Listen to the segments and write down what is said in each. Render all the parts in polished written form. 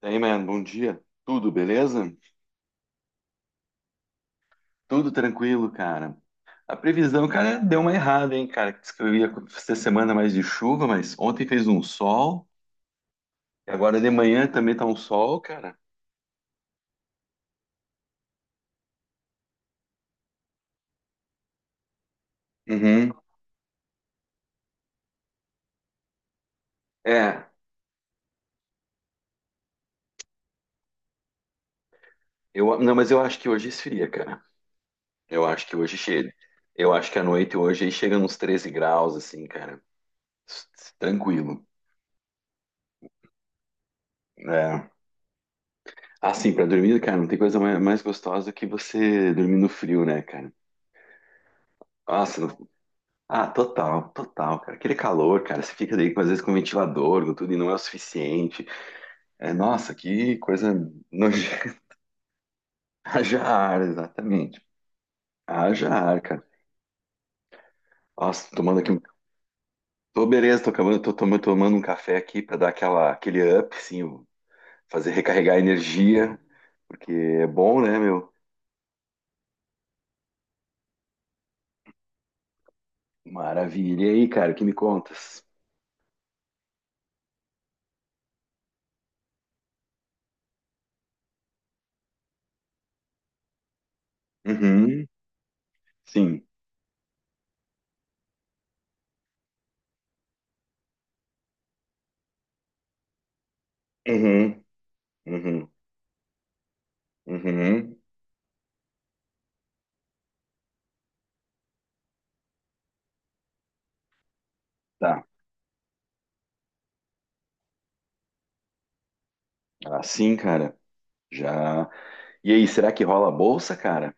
Daí, mano, bom dia. Tudo beleza? Tudo tranquilo, cara. A previsão, cara, deu uma errada, hein, cara. Diz que eu ia ter semana mais de chuva, mas ontem fez um sol. E agora de manhã também tá um sol, cara. Uhum. É, não, mas eu acho que hoje esfria, cara. Eu acho que hoje chega. Eu acho que à noite hoje aí chega nos 13 graus, assim, cara. Tranquilo. É. Assim, pra dormir, cara, não tem coisa mais gostosa do que você dormir no frio, né, cara? Nossa, ah, total, total, cara. Aquele calor, cara, você fica daí às vezes com ventilador, com tudo e não é o suficiente. É, nossa, que coisa nojenta. Haja ar, exatamente. Haja ar, cara. Nossa, tô tomando aqui um. Tô beleza, tô acabando, tô tomando um café aqui pra dar aquele up, assim, fazer recarregar a energia, porque é bom, né, meu? Maravilha. E aí, cara, o que me contas? Uhum, sim. Uhum, uhum, uhum. Tá. Assim, cara, já. E aí, será que rola a bolsa, cara?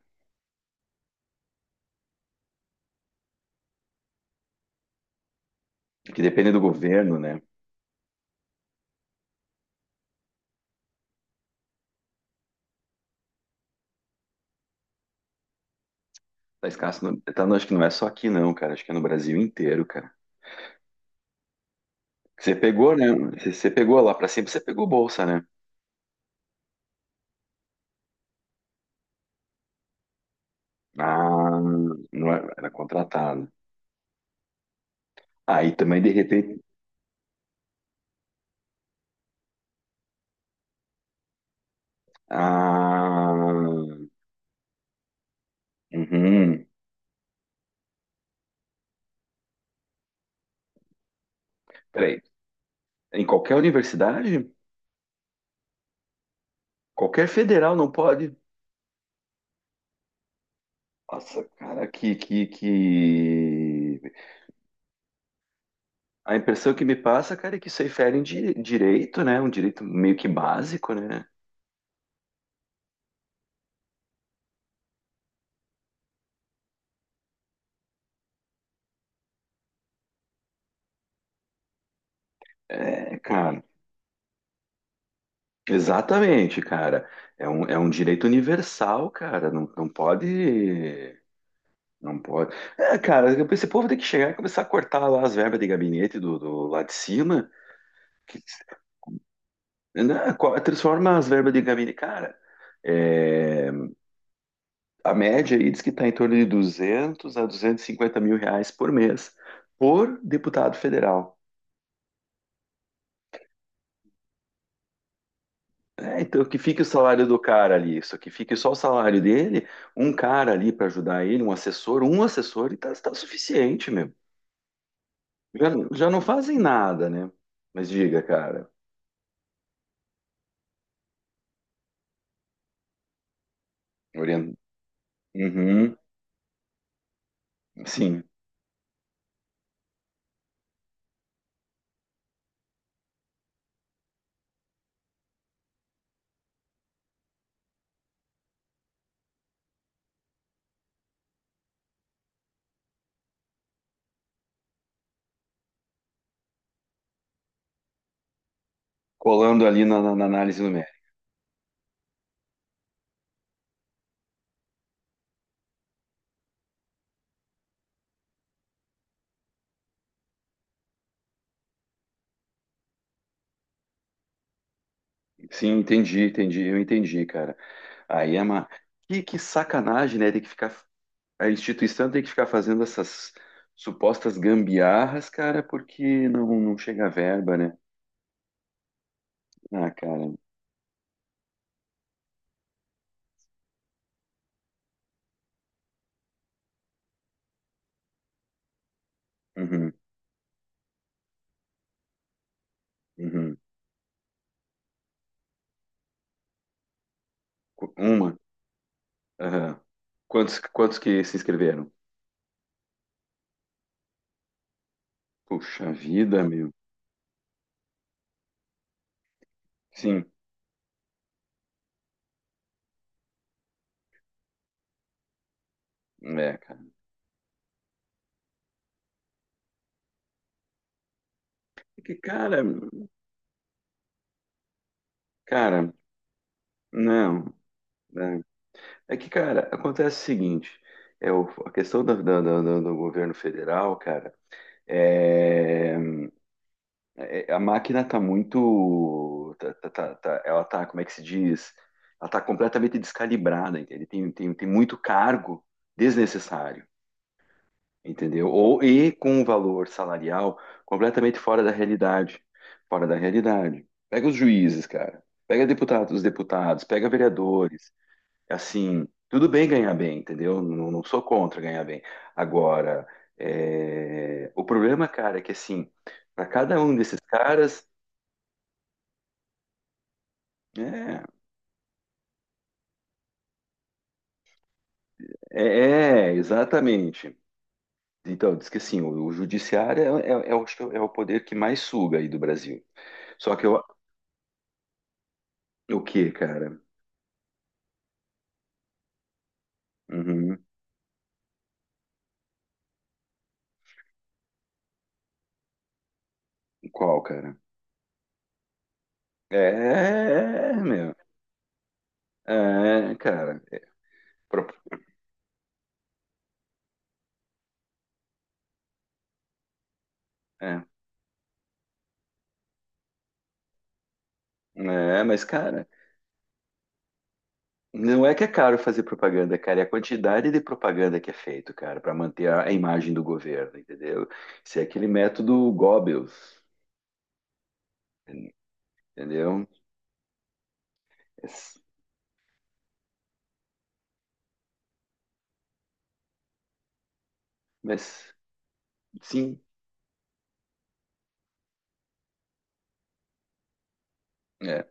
Que depende do governo, né? Tá escasso, não, acho que não é só aqui não, cara, acho que é no Brasil inteiro, cara. Você pegou, né? Você pegou lá pra sempre, você pegou bolsa, né? Ah, não era, era contratado. Aí também de repente, ah, uhum. Peraí, em qualquer universidade, qualquer federal não pode. Nossa, cara. A impressão que me passa, cara, é que isso aí fere em direito, né? Um direito meio que básico, né? É, cara, exatamente, cara. É um direito universal, cara. Não, não pode. Não pode. É, cara, esse povo tem que chegar e começar a cortar lá as verbas de gabinete do lá de cima. Que, né, transforma as verbas de gabinete. Cara, é, a média aí diz que está em torno de 200 a 250 mil reais por mês por deputado federal. É, então, que fique o salário do cara ali, isso que fique só o salário dele, um cara ali para ajudar ele, um assessor e tá suficiente mesmo. Já, já não fazem nada, né? Mas diga, cara, orientando. Uhum, sim, colando ali na, na análise numérica. Sim, entendi, entendi, eu entendi, cara. Aí é uma. Que sacanagem, né? Tem que ficar. A instituição tem que ficar fazendo essas supostas gambiarras, cara, porque não chega a verba, né? Ah, cara. Uhum, uhum. Uma. Aham. Quantos que se inscreveram? Puxa vida, meu. Sim, é, cara. É que, cara, cara, não. Né? É que, cara, acontece o seguinte, a questão do governo federal, cara, é, a máquina tá muito, ela tá, como é que se diz? Ela tá completamente descalibrada, entende? Tem muito cargo desnecessário. Entendeu? Ou e com um valor salarial completamente fora da realidade, fora da realidade. Pega os juízes, cara. Pega os deputados, pega vereadores. Assim, tudo bem ganhar bem, entendeu? Não, não sou contra ganhar bem. Agora, o problema, cara, é que assim, para cada um desses caras, é, é, exatamente. Então, diz que assim, o judiciário é o poder que mais suga aí do Brasil. Só que eu, o que, cara? Uhum. Qual, cara? É, meu. É, cara. Pro- É, mas, cara, não é que é caro fazer propaganda, cara. É a quantidade de propaganda que é feito, cara, para manter a imagem do governo, entendeu? Isso é aquele método Goebbels, entendeu? Mas, mas, sim, é,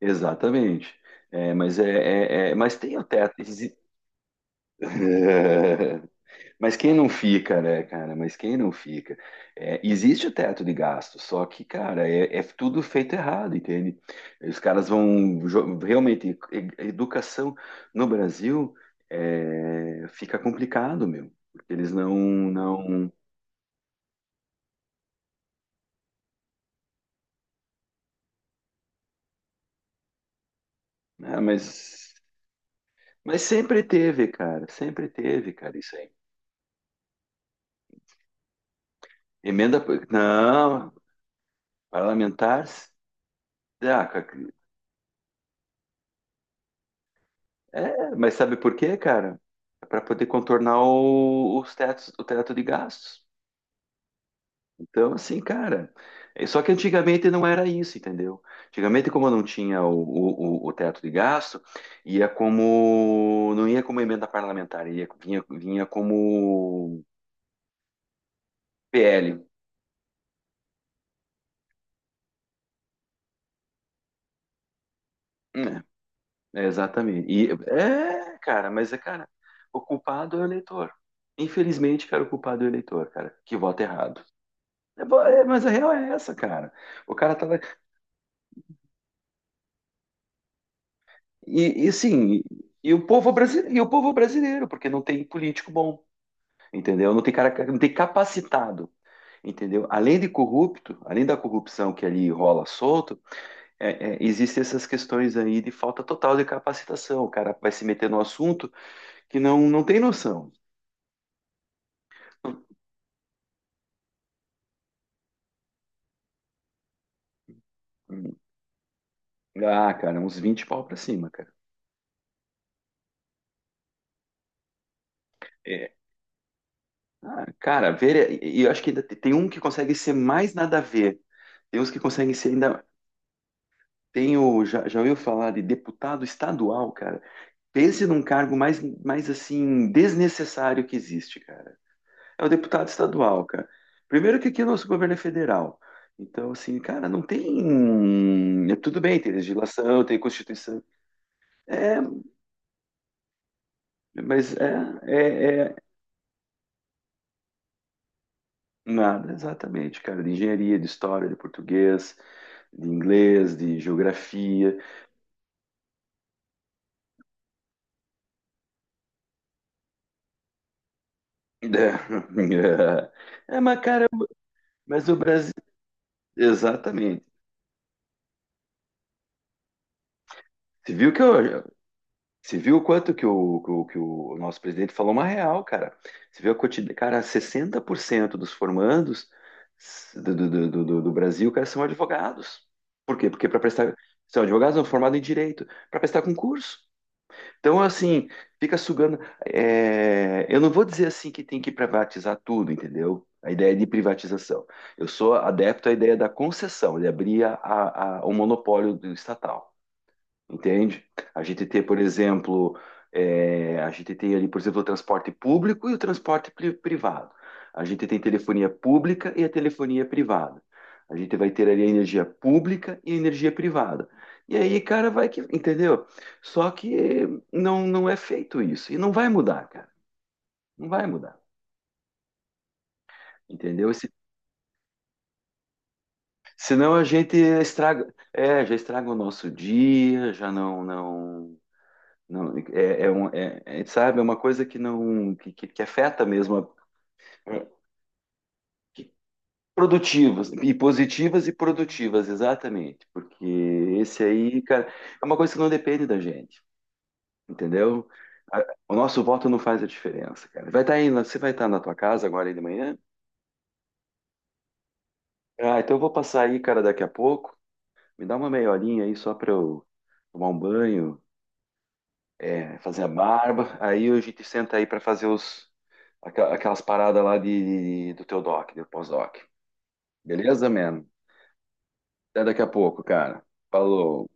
exatamente. É, mas tem o teto. Mas quem não fica, né, cara? Mas quem não fica? É, existe o teto de gasto, só que, cara, é tudo feito errado, entende? Os caras vão realmente educação no Brasil fica complicado, meu. Porque eles não. Ah, mas, sempre teve, cara, isso aí. Emenda, não, parlamentar, cara. É, mas sabe por quê, cara? É para poder contornar os tetos, o teto de gastos. Então, assim, cara. Só que antigamente não era isso, entendeu? Antigamente, como não tinha o teto de gasto, ia como. Não ia como emenda parlamentar, ia, vinha como PL. É, é, exatamente. E, cara, mas é, cara, o culpado é o eleitor. Infelizmente, cara, o culpado é o eleitor, cara, que vota errado. É, mas a real é essa, cara. O cara tá lá. E sim, e o povo brasileiro, e o povo brasileiro, porque não tem político bom, entendeu? Não tem cara, não tem capacitado, entendeu? Além de corrupto, além da corrupção que ali rola solto, existem essas questões aí de falta total de capacitação. O cara vai se meter no assunto que não tem noção. Ah, cara, uns 20 pau pra cima, cara. É. Ah, cara, ver, e eu acho que ainda tem um que consegue ser mais nada a ver. Tem uns que conseguem ser ainda. Já, já ouviu falar de deputado estadual, cara? Pense num cargo mais, mais assim, desnecessário que existe, cara. É o deputado estadual, cara. Primeiro que aqui é o nosso governo é federal. Então, assim, cara, não tem. Tudo bem, tem legislação, tem Constituição. É, mas é nada exatamente, cara, de engenharia, de história, de português, de inglês, de geografia. É, mas, cara, mas o Brasil. Exatamente. Você viu que eu, você viu o quanto que o nosso presidente falou uma real, cara. Você viu a quantidade, cara, 60% dos formandos do Brasil, cara, são advogados. Por quê? Porque são advogados são formados em direito, para prestar concurso. Então, assim, fica sugando. Eu não vou dizer assim que tem que privatizar tudo, entendeu? A ideia de privatização. Eu sou adepto à ideia da concessão, de abrir o monopólio do estatal. Entende? A gente tem, por exemplo, a gente tem ali, por exemplo, o transporte público e o transporte privado. A gente tem telefonia pública e a telefonia privada. A gente vai ter ali a energia pública e a energia privada. E aí, cara, vai que, entendeu? Só que não é feito isso. E não vai mudar, cara. Não vai mudar. Entendeu? Se, senão a gente já estraga o nosso dia, já não. Não, sabe, é uma coisa que não que, que afeta mesmo a- que- produtivas e positivas e produtivas, exatamente, porque esse aí, cara, é uma coisa que não depende da gente, entendeu? O nosso voto não faz a diferença, cara. Vai estar aí, você vai estar na tua casa agora aí de manhã? Ah, então eu vou passar aí, cara, daqui a pouco. Me dá uma meia horinha aí só para eu tomar um banho, fazer a barba. Aí a gente senta aí para fazer aquelas paradas lá do teu doc, do pós-doc. Beleza, man? Até daqui a pouco, cara. Falou.